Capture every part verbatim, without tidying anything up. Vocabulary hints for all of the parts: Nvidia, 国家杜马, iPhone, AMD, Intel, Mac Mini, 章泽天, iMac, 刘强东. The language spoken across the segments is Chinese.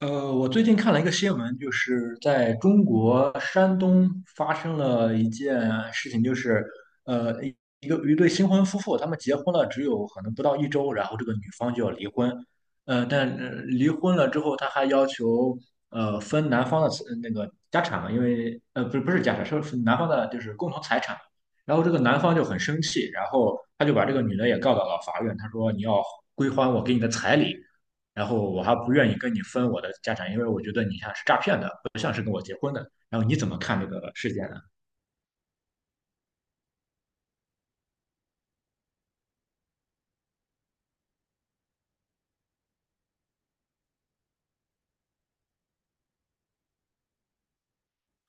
呃，我最近看了一个新闻，就是在中国山东发生了一件事情，就是呃，一一个一对新婚夫妇，他们结婚了只有可能不到一周，然后这个女方就要离婚，呃，但呃离婚了之后，他还要求呃分男方的财那个家产嘛，因为呃不是不是家产，是分男方的就是共同财产。然后这个男方就很生气，然后他就把这个女的也告到了法院，他说你要归还我给你的彩礼。然后我还不愿意跟你分我的家产，因为我觉得你像是诈骗的，不像是跟我结婚的。然后你怎么看这个事件呢？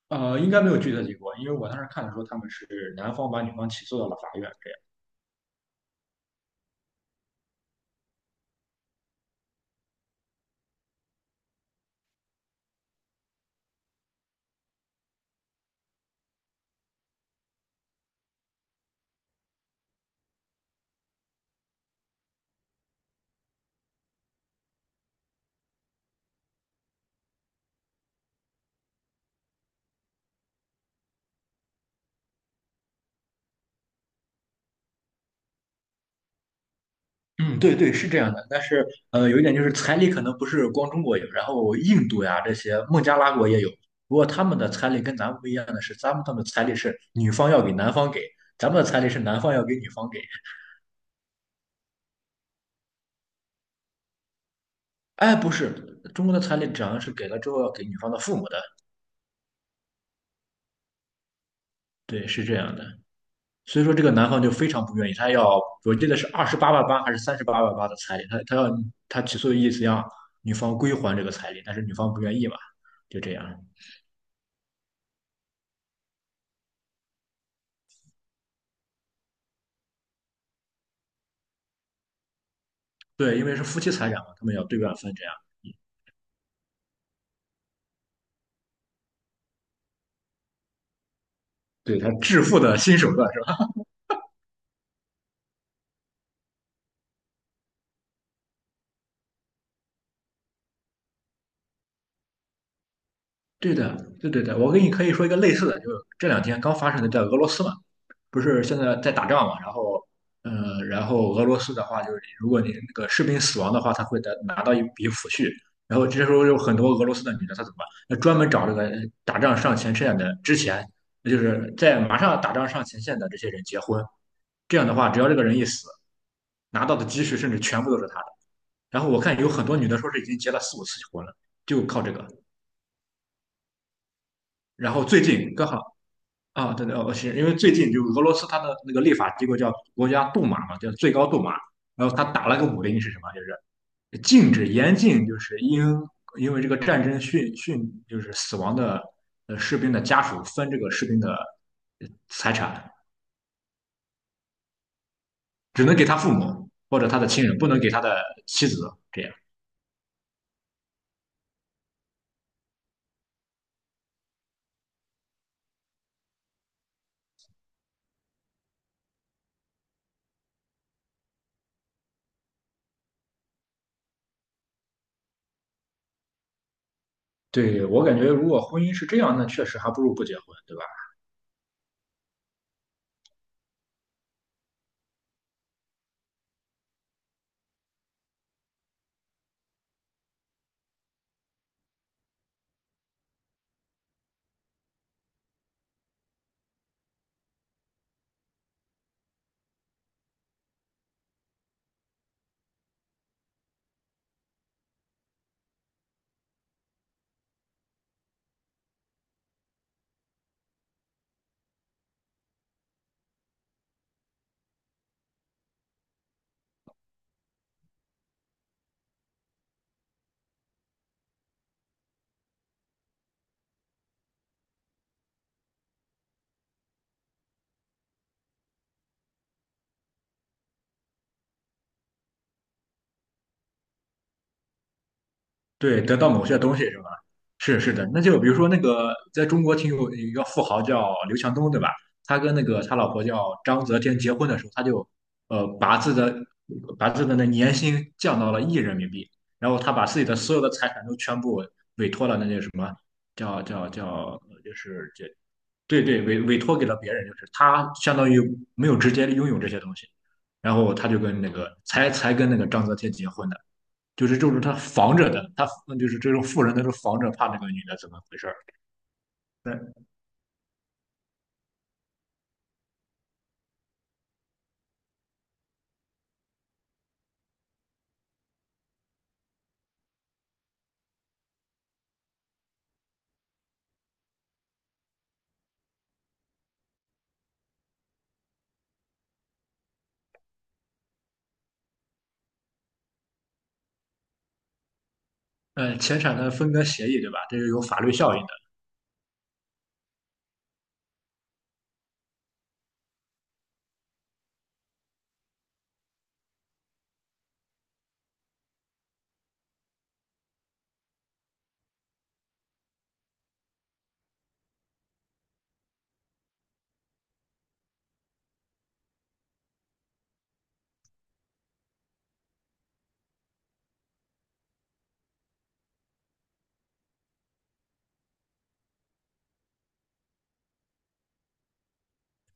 呃，应该没有具体的结果，因为我当时看的时候，他们是男方把女方起诉到了法院，这样。嗯，对对，是这样的。但是呃，有一点就是彩礼可能不是光中国有，然后印度呀这些孟加拉国也有，不过他们的彩礼跟咱们不一样的是，咱们他们的彩礼是女方要给男方给，咱们的彩礼是男方要给女方给。哎，不是，中国的彩礼只要是给了之后要给女方的父母的，对，是这样的。所以说这个男方就非常不愿意，他要我记得是二十八万八还是三十八万八的彩礼，他他要他起诉的意思要女方归还这个彩礼，但是女方不愿意嘛，就这样。对，因为是夫妻财产嘛，他们要对半分这样。对他致富的新手段是吧？对的，对对对，我跟你可以说一个类似的，就是这两天刚发生的，在俄罗斯嘛，不是现在在打仗嘛，然后，嗯，然后俄罗斯的话，就是如果你那个士兵死亡的话，他会得拿到一笔抚恤，然后这时候有很多俄罗斯的女的，她怎么办？那专门找这个打仗上前线的之前，那就是在马上打仗上前线的这些人结婚，这样的话，只要这个人一死，拿到的积蓄甚至全部都是他的。然后我看有很多女的说是已经结了四五次婚了，就靠这个。然后最近刚好啊，对对，哦，是因为最近就俄罗斯它的那个立法机构叫国家杜马嘛，叫最高杜马，然后它打了个五零是什么？就是禁止严禁，就是因因为这个战争殉殉就是死亡的呃士兵的家属分这个士兵的呃财产，只能给他父母或者他的亲人，不能给他的妻子这样。对，我感觉如果婚姻是这样，那确实还不如不结婚，对吧？对，得到某些东西是吧？是是的，那就比如说那个在中国挺有一个富豪叫刘强东，对吧？他跟那个他老婆叫章泽天结婚的时候，他就呃把自己的把自己的那年薪降到了一亿人民币，然后他把自己的所有的财产都全部委托了那些什么叫叫叫呃就是这对对，委委托给了别人，就是他相当于没有直接拥有这些东西，然后他就跟那个才才跟那个章泽天结婚的。就是这种他防着的，他那就是这种富人，他是防着怕那个女的怎么回事儿。那呃，钱产的分割协议，对吧？这是有法律效应的。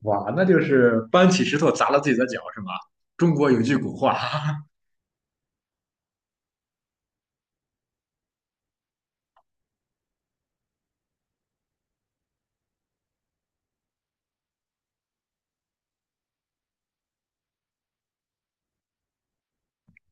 哇，那就是搬起石头砸了自己的脚，是吗？中国有句古话，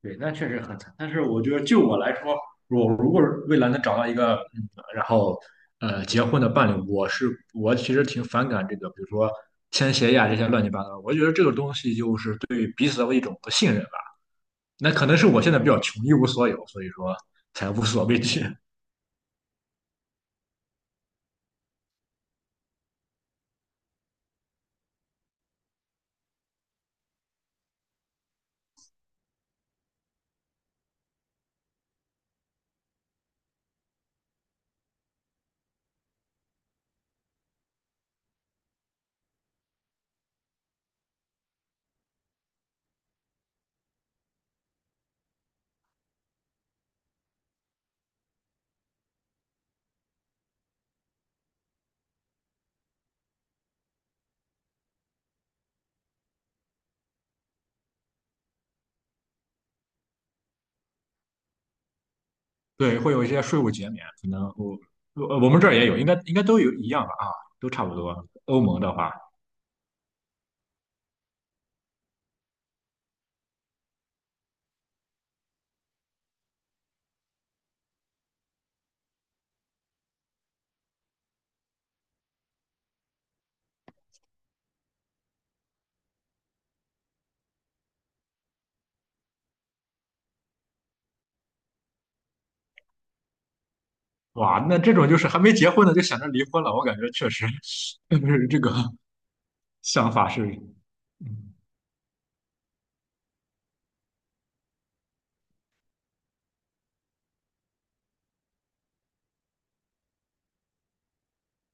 对，那确实很惨。但是我觉得，就我来说，我如果未来能找到一个，嗯，然后呃，结婚的伴侣，我是我其实挺反感这个，比如说签协议啊这些乱七八糟。我觉得这个东西就是对彼此的一种不信任。那可能是我现在比较穷，一无所有，所以说才无所畏惧。对，会有一些税务减免，可能我我我们这儿也有，应该应该都有一样吧啊，都差不多。欧盟的话，哇，那这种就是还没结婚呢就想着离婚了，我感觉确实，不是这个想法是嗯。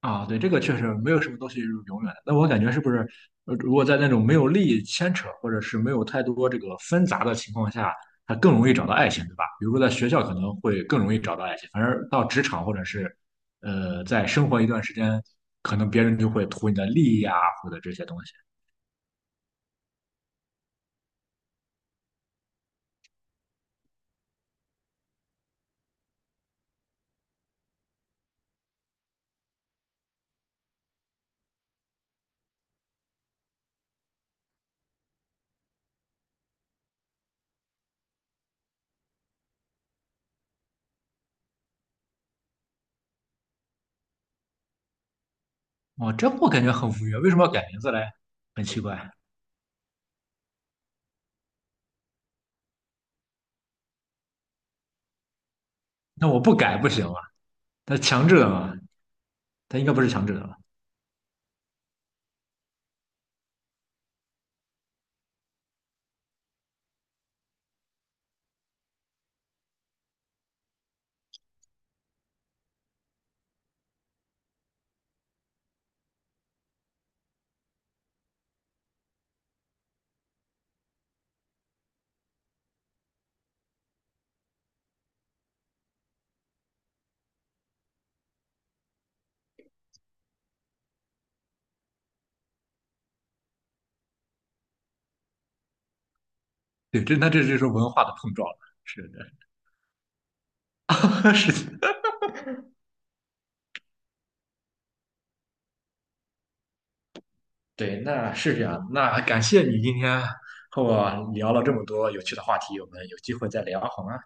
啊，对，这个确实没有什么东西是永远的。那我感觉是不是，呃，如果在那种没有利益牵扯，或者是没有太多这个纷杂的情况下，他更容易找到爱情，对吧？比如说在学校可能会更容易找到爱情，反而到职场或者是，呃，在生活一段时间，可能别人就会图你的利益啊，或者这些东西。哦，这我感觉很无语，为什么要改名字嘞？很奇怪。那我不改不行吗？他强制的吗？他应该不是强制的吧？对，这那这就是文化的碰撞了。是的，是的。对，那是这样。那感谢你今天和我聊了这么多有趣的话题，我们有机会再聊好吗？